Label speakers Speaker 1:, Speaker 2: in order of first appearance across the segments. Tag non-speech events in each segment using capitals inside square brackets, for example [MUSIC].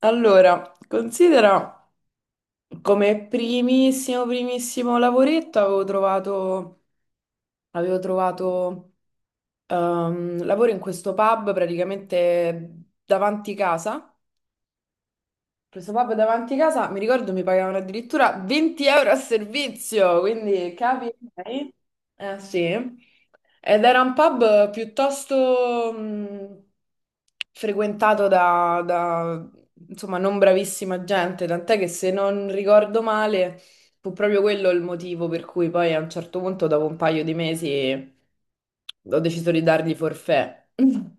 Speaker 1: Allora, considera come primissimo, primissimo lavoretto avevo trovato, lavoro in questo pub praticamente davanti casa. Questo pub davanti casa, mi ricordo, mi pagavano addirittura 20 euro a servizio, quindi capi? Eh sì. Ed era un pub piuttosto frequentato da, insomma, non bravissima gente, tant'è che se non ricordo male, fu proprio quello il motivo per cui poi a un certo punto, dopo un paio di mesi, ho deciso di dargli forfè. [LAUGHS]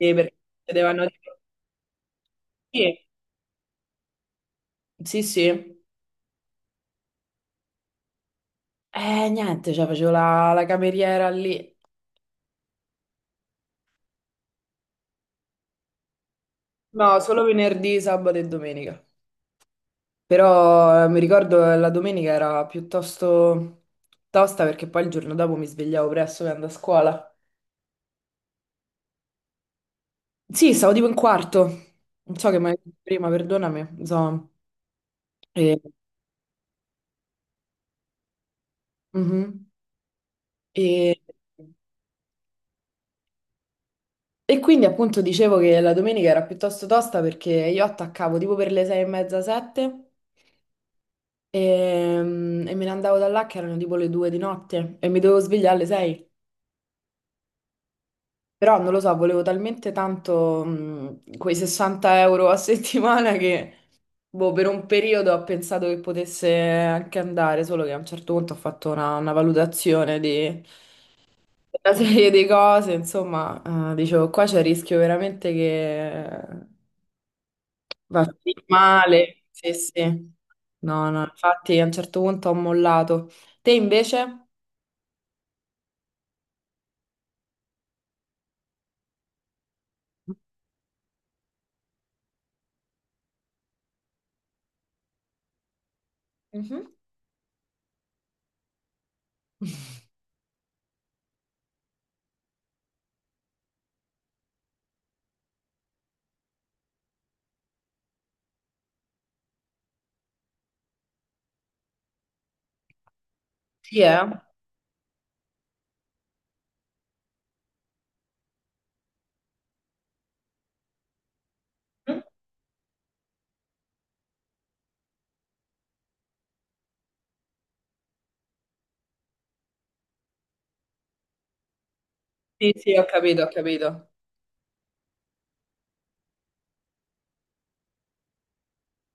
Speaker 1: Sì, perché chiedevano di... Sì, sì, sì. Niente, cioè facevo la cameriera lì. No, solo venerdì, sabato e domenica. Però mi ricordo che la domenica era piuttosto tosta perché poi il giorno dopo mi svegliavo presto per andare a scuola. Sì, stavo tipo in quarto. Non so che mai prima, perdonami. Insomma. E, mhm. E- e quindi appunto dicevo che la domenica era piuttosto tosta perché io attaccavo tipo per le sei e mezza, sette. E, me ne andavo da là che erano tipo le due di notte e mi dovevo svegliare alle sei. Però non lo so, volevo talmente tanto quei 60 euro a [LAUGHS] settimana che boh, per un periodo ho pensato che potesse anche andare, solo che a un certo punto ho fatto una valutazione di una serie di cose, insomma, dicevo qua c'è il rischio veramente che va male. Sì, sì. No, no, infatti a un certo punto ho mollato. Te invece? Mhm. Sì, eh? Mhm. Sì, sì, ho capito, ho capito.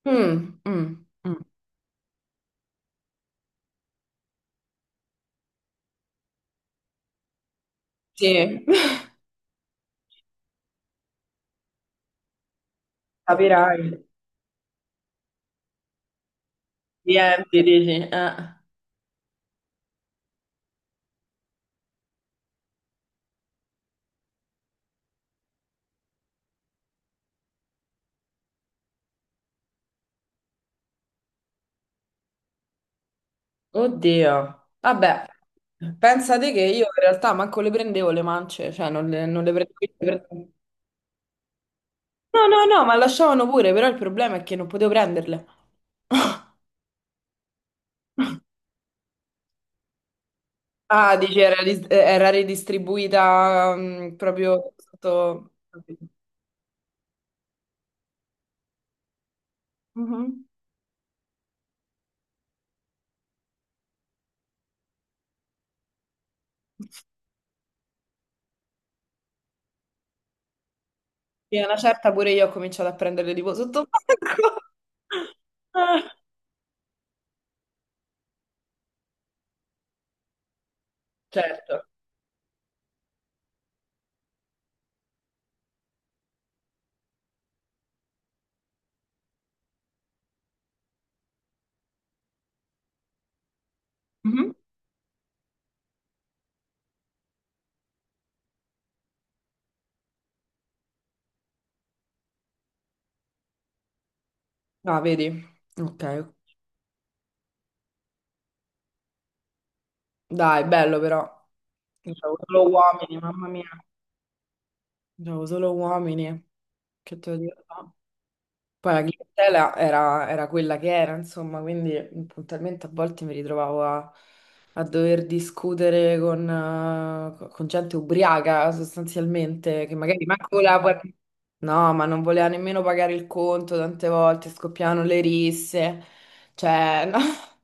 Speaker 1: Mm, mm, mm. Sì, [LAUGHS] Capirai. Riempi, dici. Eh. Oddio. Vabbè, pensate che io in realtà manco le prendevo le mance, cioè non le prendevo. No, no, no, ma lasciavano pure, però il problema è che non potevo prenderle. [LAUGHS] Ah, dici era, era ridistribuita proprio sotto... Capito. Mhm. Sì, una certa pure io ho cominciato a prendere tipo sotto banco. [LAUGHS] Ah. Certo. Mhm. Ah, vedi? Ok. Dai, bello però. Io c'avevo solo uomini, mamma mia. C'avevo solo uomini. Che te lo dico? No? Poi la clientela era quella che era, insomma, quindi puntualmente a volte mi ritrovavo a dover discutere con gente ubriaca sostanzialmente, che magari manco voleva no, ma non voleva nemmeno pagare il conto, tante volte scoppiavano le risse, cioè no, [LAUGHS]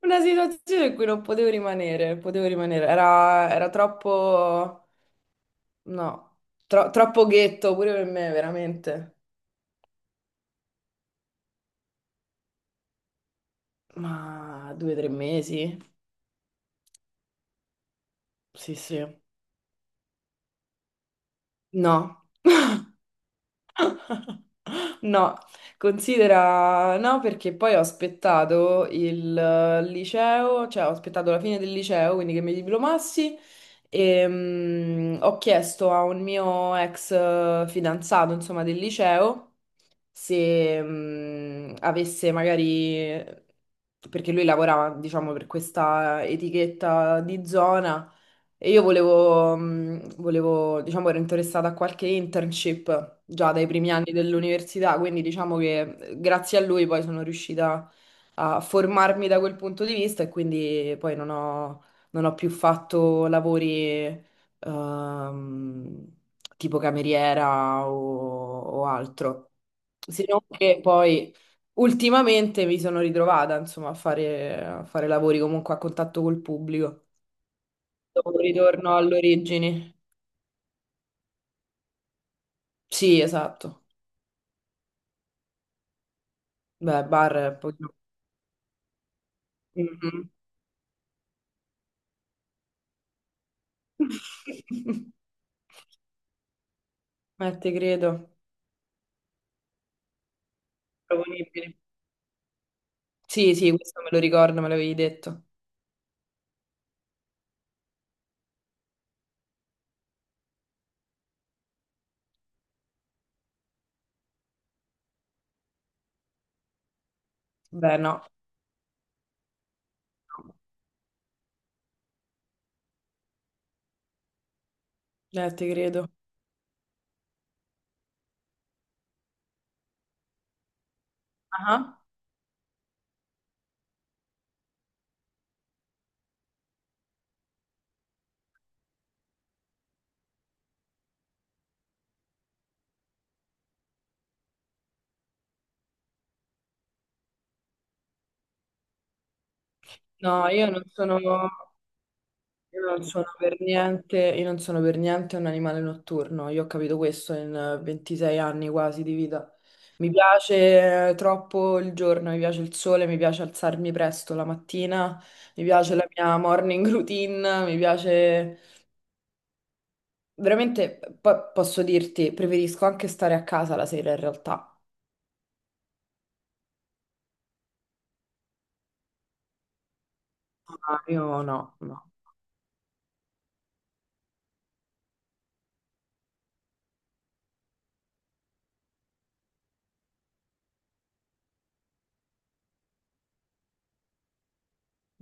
Speaker 1: una situazione in cui non potevo rimanere, potevo rimanere, era troppo, no, troppo ghetto pure per me, veramente. Ma due o tre mesi? Sì, sì. No, [GASPS] no, considera no perché poi ho aspettato il liceo, cioè ho aspettato la fine del liceo, quindi che mi diplomassi e ho chiesto a un mio ex fidanzato, insomma, del liceo se avesse magari, perché lui lavorava, diciamo, per questa etichetta di zona. E io volevo, volevo, diciamo, ero interessata a qualche internship già dai primi anni dell'università, quindi diciamo che grazie a lui poi sono riuscita a formarmi da quel punto di vista e quindi poi non ho, non ho più fatto lavori ehm, tipo cameriera o altro. Se non che poi ultimamente mi sono ritrovata, insomma, a fare lavori comunque a contatto col pubblico. Dopo un ritorno alle origini. Sì, esatto. Beh, bar è un pochino... Mhm. [LAUGHS] Te credo. Proponibili. Sì, sì, questo me lo ricordo, me l'avevi detto. Beh, no. Te credo. Ah. No, io non sono... Io non sono per niente, io non sono per niente un animale notturno, io ho capito questo in 26 anni quasi di vita. Mi piace troppo il giorno, mi piace il sole, mi piace alzarmi presto la mattina, mi piace la mia morning routine, mi piace... Veramente, posso dirti, preferisco anche stare a casa la sera in realtà. Ah, io no, no.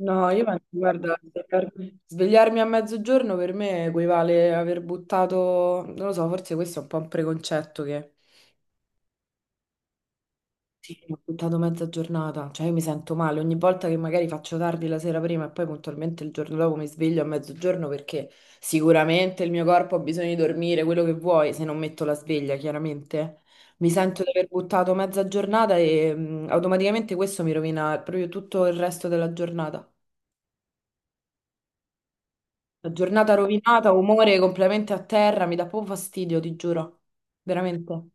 Speaker 1: No, io penso, guarda, per- svegliarmi a mezzogiorno per me equivale aver buttato, non lo so, forse questo è un po' un preconcetto che sì, ho buttato mezza giornata, cioè io mi sento male ogni volta che magari faccio tardi la sera prima e poi puntualmente il giorno dopo mi sveglio a mezzogiorno perché sicuramente il mio corpo ha bisogno di dormire, quello che vuoi, se non metto la sveglia, chiaramente. Mi sento di aver buttato mezza giornata e automaticamente questo mi rovina proprio tutto il resto della giornata. La giornata rovinata, umore completamente a terra, mi dà proprio fastidio, ti giuro. Veramente.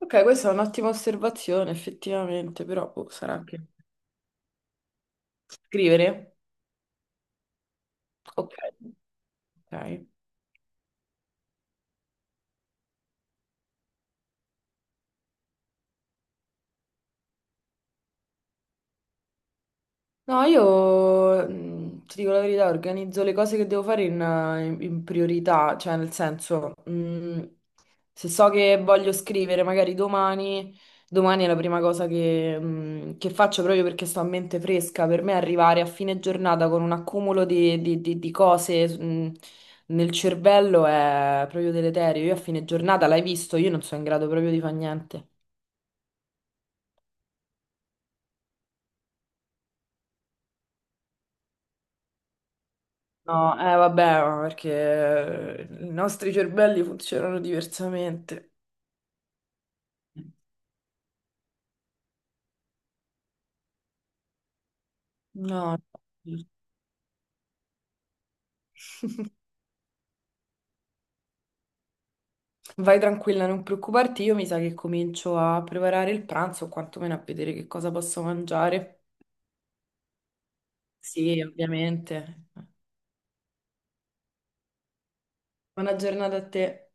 Speaker 1: Ok, questa è un'ottima osservazione, effettivamente, però boh, sarà che scrivere. Ok. Ok. No, io ti dico la verità, organizzo le cose che devo fare in, in priorità, cioè nel senso, se so che voglio scrivere magari domani, domani è la prima cosa che, che faccio proprio perché sto a mente fresca. Per me arrivare a fine giornata con un accumulo di, di cose, nel cervello è proprio deleterio. Io a fine giornata, l'hai visto, io non sono in grado proprio di fare niente. No, eh vabbè, ma perché i nostri cervelli funzionano diversamente. No, no. [LAUGHS] Vai tranquilla, non preoccuparti, io mi sa che comincio a preparare il pranzo o quantomeno a vedere che cosa posso mangiare. Sì, ovviamente. Buona giornata a te.